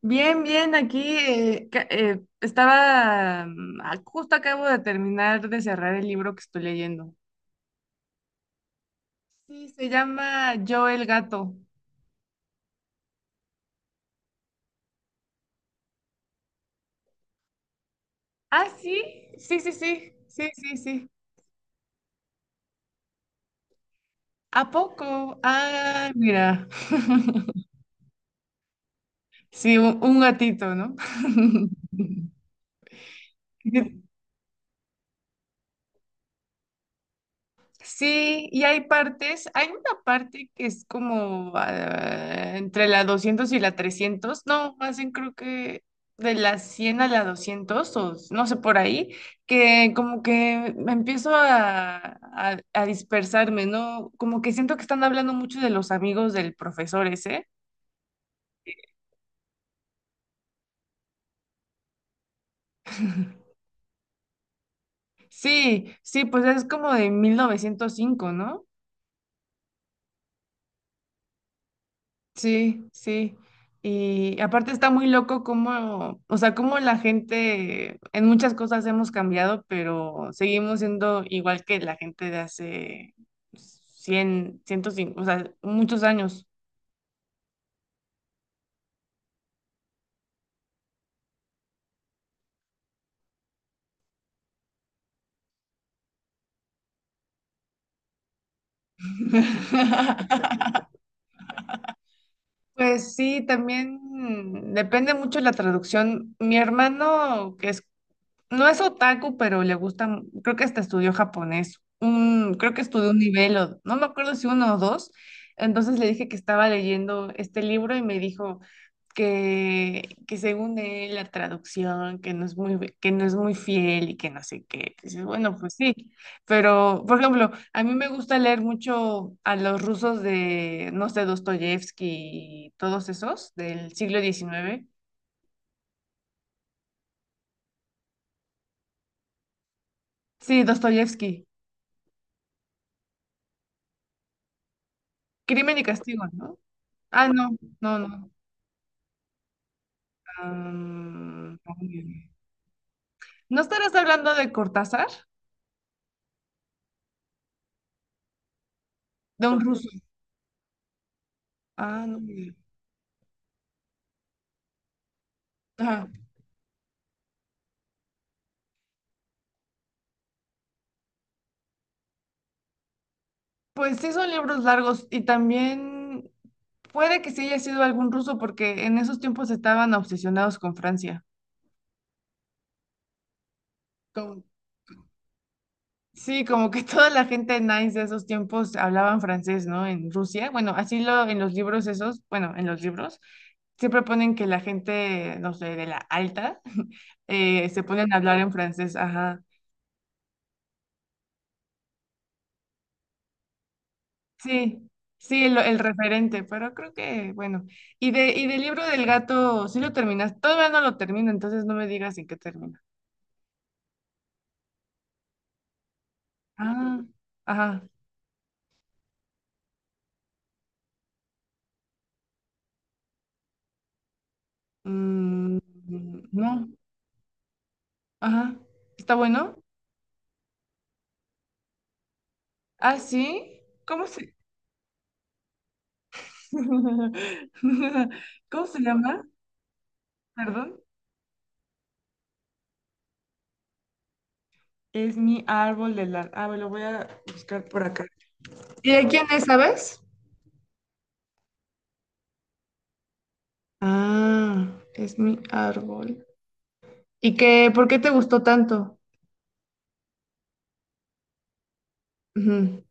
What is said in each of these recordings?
Bien, bien, aquí estaba, justo acabo de terminar de cerrar el libro que estoy leyendo. Sí, se llama Yo el gato. Ah, sí, sí, sí, sí, sí, sí, sí. ¿A poco? Ah, mira. Sí, un gatito, ¿no? Sí, y hay una parte que es como entre la 200 y la 300, no, más bien creo que de la 100 a la 200 o no sé por ahí, que como que me empiezo a dispersarme, ¿no? Como que siento que están hablando mucho de los amigos del profesor ese. Sí, sí, pues es como de 1905, ¿no? Sí, sí. Y aparte está muy loco cómo, o sea, cómo la gente, en muchas cosas hemos cambiado, pero seguimos siendo igual que la gente de hace cien, ciento 105, o sea, muchos años. Pues sí, también depende mucho de la traducción. Mi hermano, que es no es otaku, pero le gusta, creo que hasta estudió japonés. Creo que estudió un nivel, no me acuerdo si uno o dos. Entonces le dije que estaba leyendo este libro y me dijo que según él la traducción, que no es muy fiel y que no sé qué. Dices, bueno, pues sí. Pero, por ejemplo, a mí me gusta leer mucho a los rusos de, no sé, Dostoyevsky y todos esos del siglo XIX. Sí, Dostoyevsky. Crimen y castigo, ¿no? Ah, no, no, no. Ah, ¿no estarás hablando de Cortázar? De un ruso. Ah, no, mira. Ajá. Pues sí son libros largos y también puede que sí haya sido algún ruso porque en esos tiempos estaban obsesionados con Francia. Como- sí, como que toda la gente nice de esos tiempos hablaban francés, ¿no? En Rusia. Bueno, así lo en los libros esos, bueno, en los libros siempre ponen que la gente, no sé, de la alta, se ponen a hablar en francés, ajá. Sí, sí, el referente, pero creo que, bueno. Y del libro del gato, sí lo terminas. Todavía no lo termino, entonces no me digas en qué termina. Ah, ajá. Mm, no, ajá. ¿Está bueno? Ah, sí. ¿Cómo se... ¿Cómo se llama? Perdón. Es mi árbol de la... Ah, me lo voy a buscar por acá. ¿Y de quién es, sabes? Ah, es mi árbol. ¿Y qué, por qué te gustó tanto? Ujú.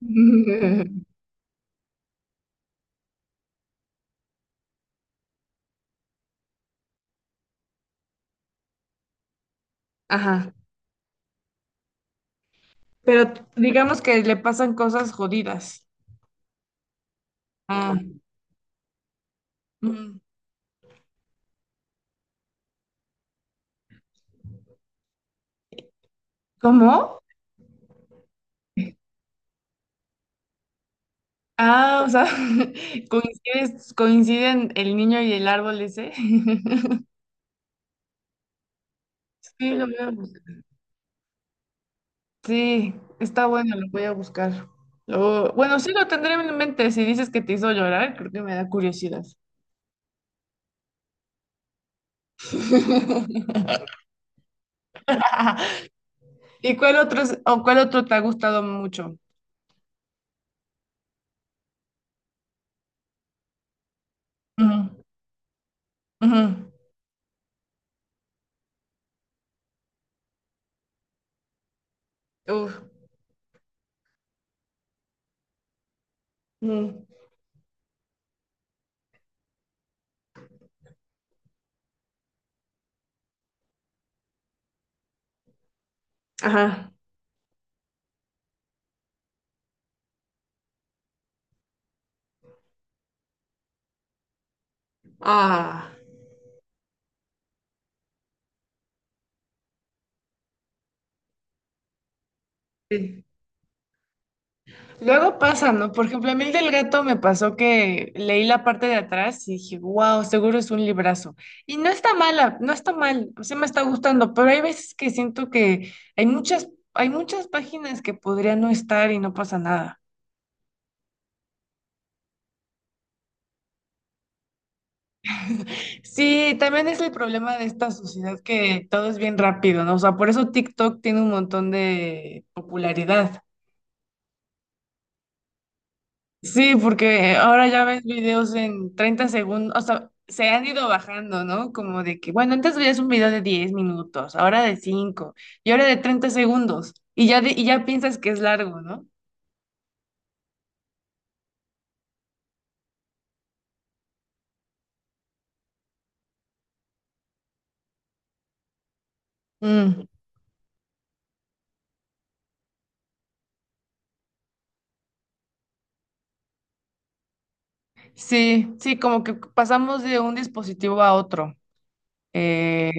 Ajá. Pero digamos que le pasan cosas jodidas. Ah, mm, ¿Cómo? Ah, o sea, coinciden el niño y el árbol ese. Sí, lo voy a buscar. Sí, está bueno, lo voy a buscar. Bueno, sí lo tendré en mente. Si dices que te hizo llorar, creo que me da curiosidad. ¿Y cuál otro o cuál otro te ha gustado mucho? Ujú, ujú. Uf, mm, ajá. Ah. Sí. Luego pasa, ¿no? Por ejemplo, a mí el del gato me pasó que leí la parte de atrás y dije, wow, seguro es un librazo. Y no está mala, no está mal, o sea, me está gustando, pero hay veces que siento que hay muchas páginas que podrían no estar y no pasa nada. Sí, también es el problema de esta sociedad que todo es bien rápido, ¿no? O sea, por eso TikTok tiene un montón de popularidad. Sí, porque ahora ya ves videos en 30 segundos, o sea, se han ido bajando, ¿no? Como de que, bueno, antes veías un video de 10 minutos, ahora de 5 y ahora de 30 segundos y ya, y ya piensas que es largo, ¿no? Mm, sí, sí, como que pasamos de un dispositivo a otro. Eh,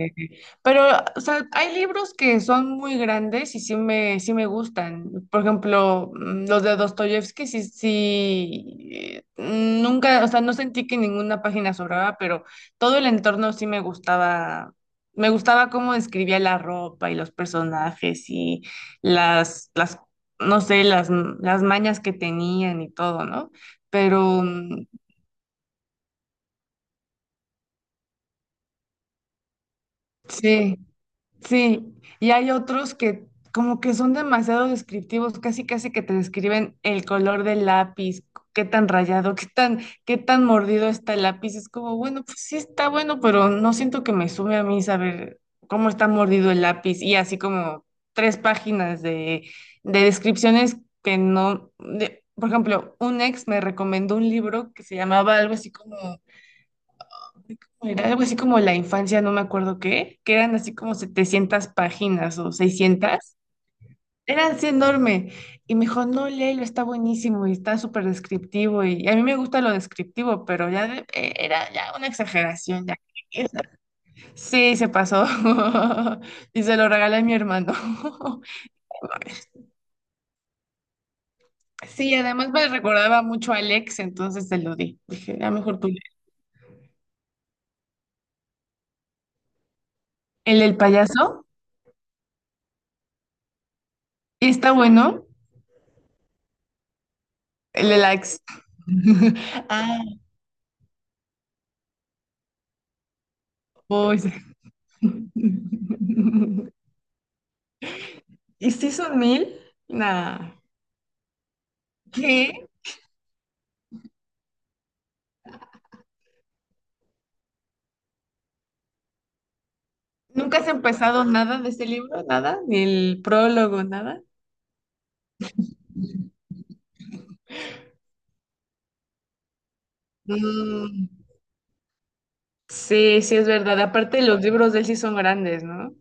pero, o sea, hay libros que son muy grandes y sí me gustan. Por ejemplo, los de Dostoyevsky, sí, sí, nunca, o sea, no sentí que ninguna página sobraba, pero todo el entorno sí me gustaba. Me gustaba cómo describía la ropa y los personajes y las, no sé, las mañas que tenían y todo, ¿no? Pero, sí. Sí, y hay otros que como que son demasiado descriptivos, casi casi que te describen el color del lápiz, qué tan rayado, qué tan mordido está el lápiz. Es como, bueno, pues sí está bueno, pero no siento que me sube a mí saber cómo está mordido el lápiz. Y así como tres páginas de descripciones que no, de- por ejemplo, un ex me recomendó un libro que se llamaba algo así como era algo así como la infancia, no me acuerdo qué, que eran así como 700 páginas o 600. Era así enorme. Y me dijo, no, léelo, está buenísimo y está súper descriptivo. Y, a mí me gusta lo descriptivo, pero ya era ya una exageración. Ya. Sí, se pasó. Y se lo regalé a mi hermano. Sí, además me recordaba mucho a Alex, entonces se lo di. Dije, "a mejor tú, léelo". El del payaso, y está bueno. El de la ex. Ah. Uy, sí. ¿Y si son mil? Nada. ¿Qué? ¿Nunca has empezado nada de este libro? ¿Nada? ¿Ni el prólogo? ¿Nada? Mm, sí, sí, es verdad. Aparte, los libros de él sí son grandes, ¿no?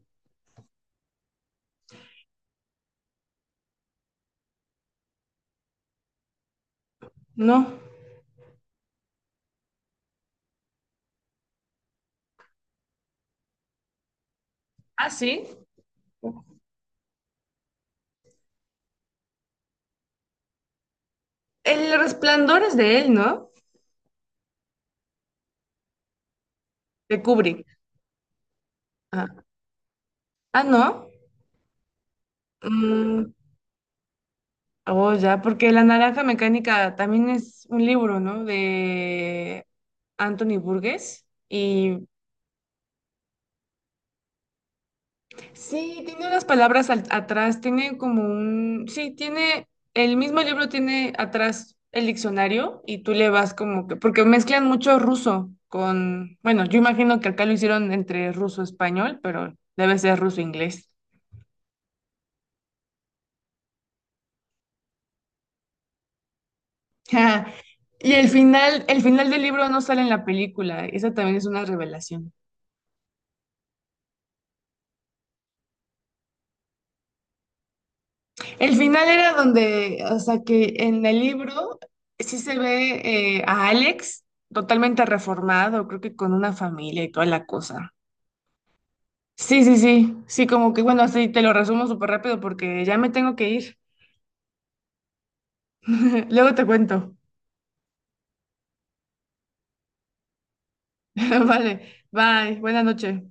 No. Ah, sí. El Resplandor es de él, ¿no? De Kubrick. Ah, ah, ¿no? Mm, oh, ya, porque La Naranja Mecánica también es un libro, ¿no? De Anthony Burgess. Y... Sí, tiene unas palabras atrás, tiene como un, sí, tiene, el mismo libro tiene atrás el diccionario y tú le vas como que, porque mezclan mucho ruso con, bueno, yo imagino que acá lo hicieron entre ruso-español, pero debe ser ruso-inglés. Y el final del libro no sale en la película, esa también es una revelación. El final era donde, o sea, que en el libro sí se ve a Alex totalmente reformado, creo que con una familia y toda la cosa. Sí, sí, sí, sí, como que bueno, así te lo resumo súper rápido porque ya me tengo que ir. Luego te cuento. Vale, bye, buena noche.